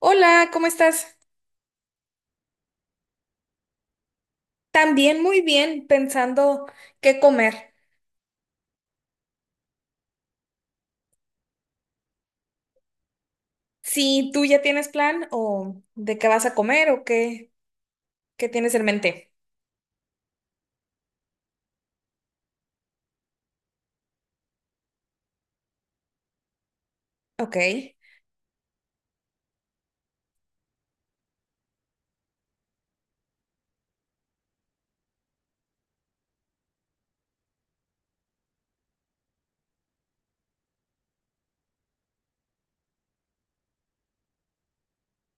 Hola, ¿cómo estás? También muy bien, pensando qué comer. Si tú ya tienes plan o de qué vas a comer o qué, qué tienes en mente. Ok,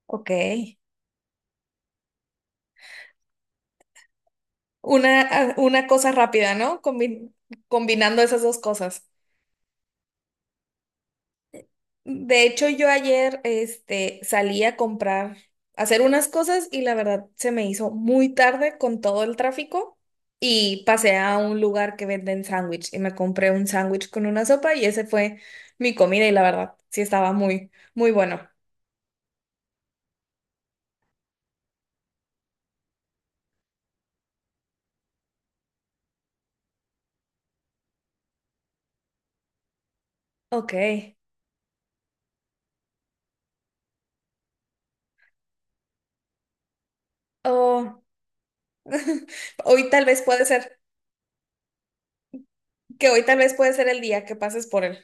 ok. Una, ah, una cosa rápida, ¿no? Combinando esas dos cosas. De hecho, yo ayer salí a comprar, a hacer unas cosas y la verdad se me hizo muy tarde con todo el tráfico y pasé a un lugar que venden sándwich y me compré un sándwich con una sopa y ese fue mi comida y la verdad sí estaba muy, muy bueno. Ok. Oh, hoy tal vez puede ser, que hoy tal vez puede ser el día que pases por él.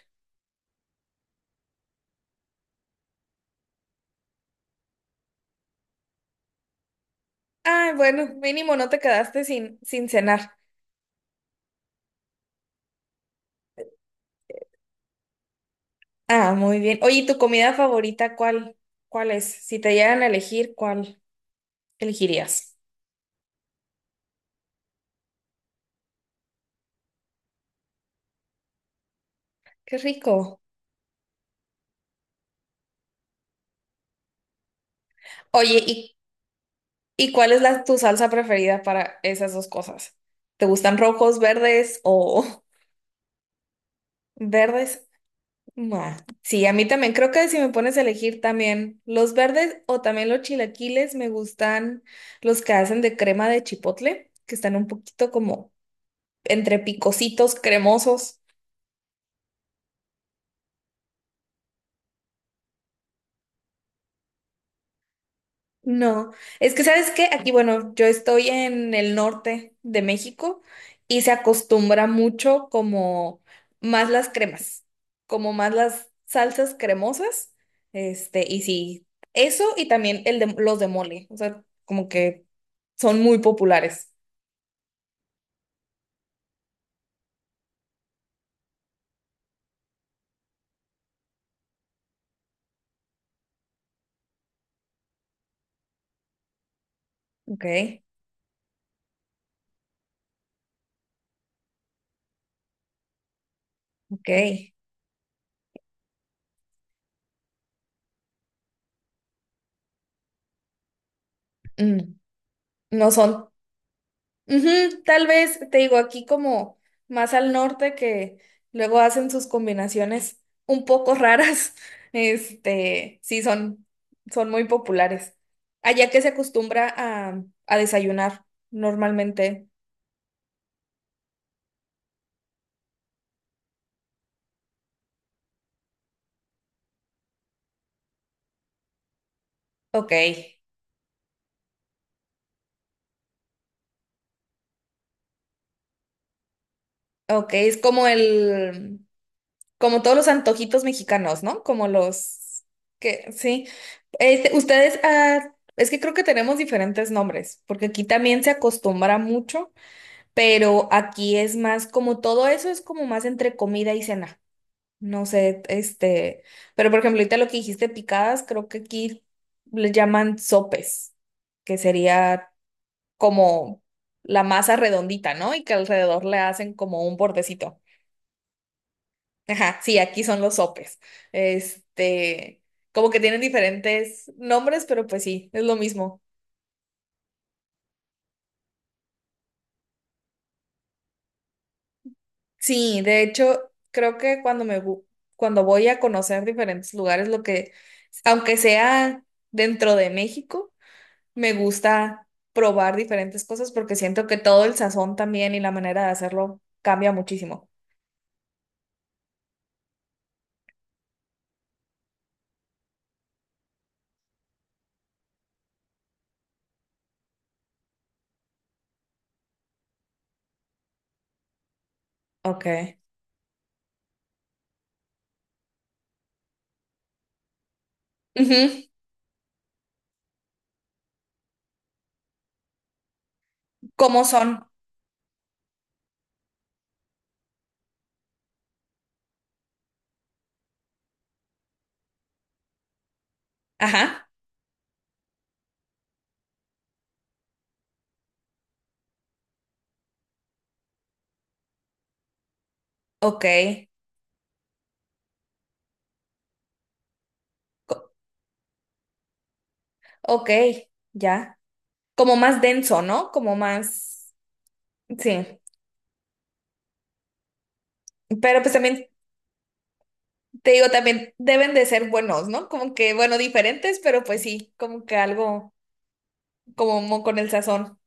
Ah, bueno, mínimo no te quedaste sin cenar. Ah, muy bien. Oye, ¿y tu comida favorita cuál? ¿Cuál es? Si te dieran a elegir, ¿cuál elegirías? Qué rico. Oye, ¿y cuál es tu salsa preferida para esas dos cosas? ¿Te gustan rojos, verdes o verdes? Nah. Sí, a mí también. Creo que si me pones a elegir también los verdes o también los chilaquiles, me gustan los que hacen de crema de chipotle, que están un poquito como entre picositos, cremosos. No, es que sabes que aquí, bueno, yo estoy en el norte de México y se acostumbra mucho como más las cremas, como más las salsas cremosas, y sí, eso y también el los de mole, o sea, como que son muy populares. Ok, ok. Mm, no son. Ujú, tal vez, te digo, aquí como más al norte que luego hacen sus combinaciones un poco raras, sí son, son muy populares. Allá que se acostumbra a desayunar normalmente. Ok, ok, es como el, como todos los antojitos mexicanos, ¿no? Como los que, sí. Este, ustedes, ah, es que creo que tenemos diferentes nombres, porque aquí también se acostumbra mucho, pero aquí es más como todo eso es como más entre comida y cena. No sé, este, pero por ejemplo, ahorita lo que dijiste picadas, creo que aquí le llaman sopes, que sería como la masa redondita, ¿no? Y que alrededor le hacen como un bordecito. Ajá, sí, aquí son los sopes. Este, como que tienen diferentes nombres, pero pues sí, es lo mismo. Sí, de hecho, creo que cuando cuando voy a conocer diferentes lugares, lo que, aunque sea dentro de México, me gusta probar diferentes cosas porque siento que todo el sazón también y la manera de hacerlo cambia muchísimo. Ok. Ujú, ¿cómo son? Ajá. Ok. Co- Ok, ya. Como más denso, ¿no? Como más. Sí. Pero pues también te digo, también deben de ser buenos, ¿no? Como que, bueno, diferentes, pero pues sí, como que algo como con el sazón.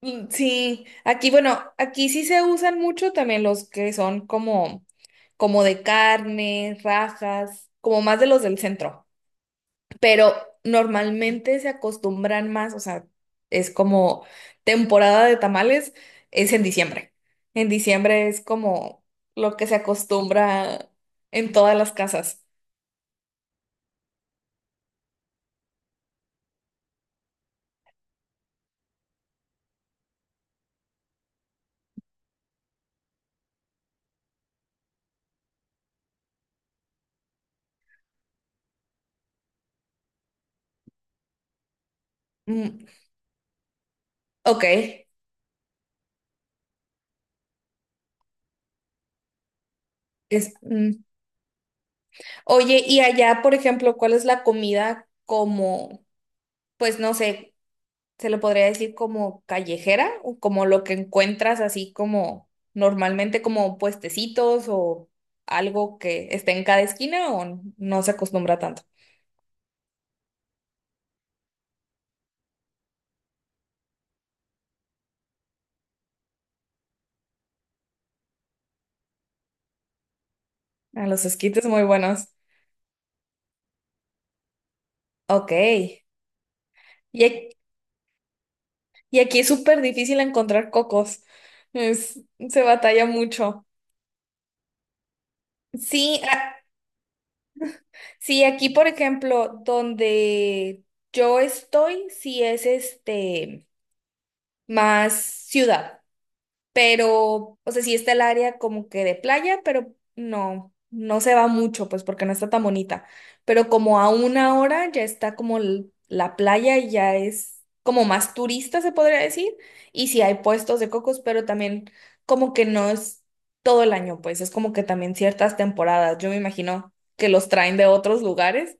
Mm, sí, aquí, bueno, aquí sí se usan mucho también los que son como, como de carne, rajas, como más de los del centro, pero normalmente se acostumbran más, o sea, es como temporada de tamales, es en diciembre. En diciembre es como lo que se acostumbra en todas las casas. Mm, ok, es, mm. Oye, y allá, por ejemplo, ¿cuál es la comida como, pues no sé, se le podría decir como callejera o como lo que encuentras así como normalmente como puestecitos o algo que esté en cada esquina o no se acostumbra tanto? A los esquites muy buenos. Ok. Y, ac- y aquí es súper difícil encontrar cocos. Es- se batalla mucho. Sí, sí, aquí, por ejemplo, donde yo estoy, sí es más ciudad, pero, o sea, sí está el área como que de playa, pero no, no se va mucho, pues porque no está tan bonita. Pero como a una hora ya está como la playa y ya es como más turista, se podría decir, y sí hay puestos de cocos, pero también como que no es todo el año, pues es como que también ciertas temporadas, yo me imagino que los traen de otros lugares,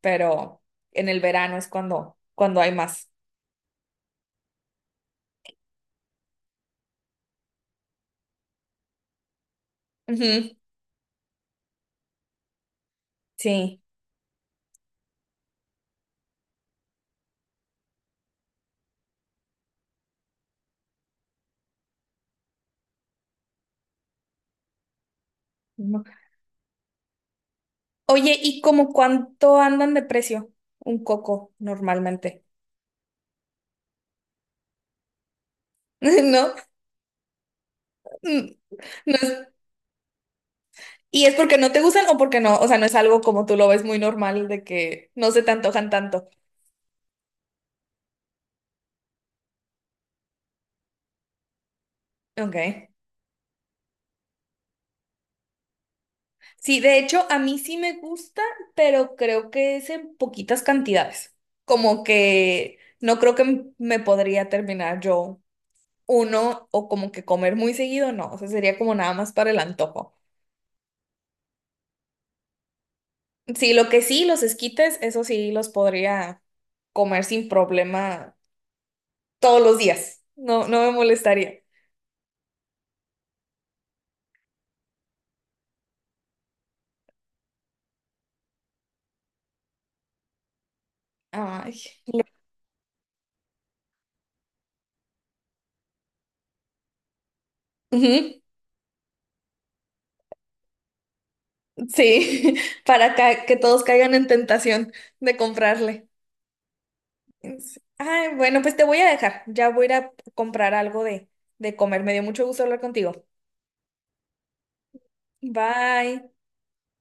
pero en el verano es cuando, cuando hay más. Ujú, sí. No. Oye, ¿y como cuánto andan de precio un coco normalmente? ¿No? Mm, no es- ¿y es porque no te gustan o porque no? O sea, no es algo como tú lo ves muy normal de que no se te antojan tanto. Ok. Sí, de hecho, a mí sí me gusta, pero creo que es en poquitas cantidades. Como que no creo que me podría terminar yo uno o como que comer muy seguido, no, o sea, sería como nada más para el antojo. Sí, lo que sí, los esquites, eso sí los podría comer sin problema todos los días. No, no me molestaría. Ay. Ujú, sí, para que todos caigan en tentación de comprarle. Sí. Ay, bueno, pues te voy a dejar. Ya voy a ir a comprar algo de comer. Me dio mucho gusto hablar contigo. Bye.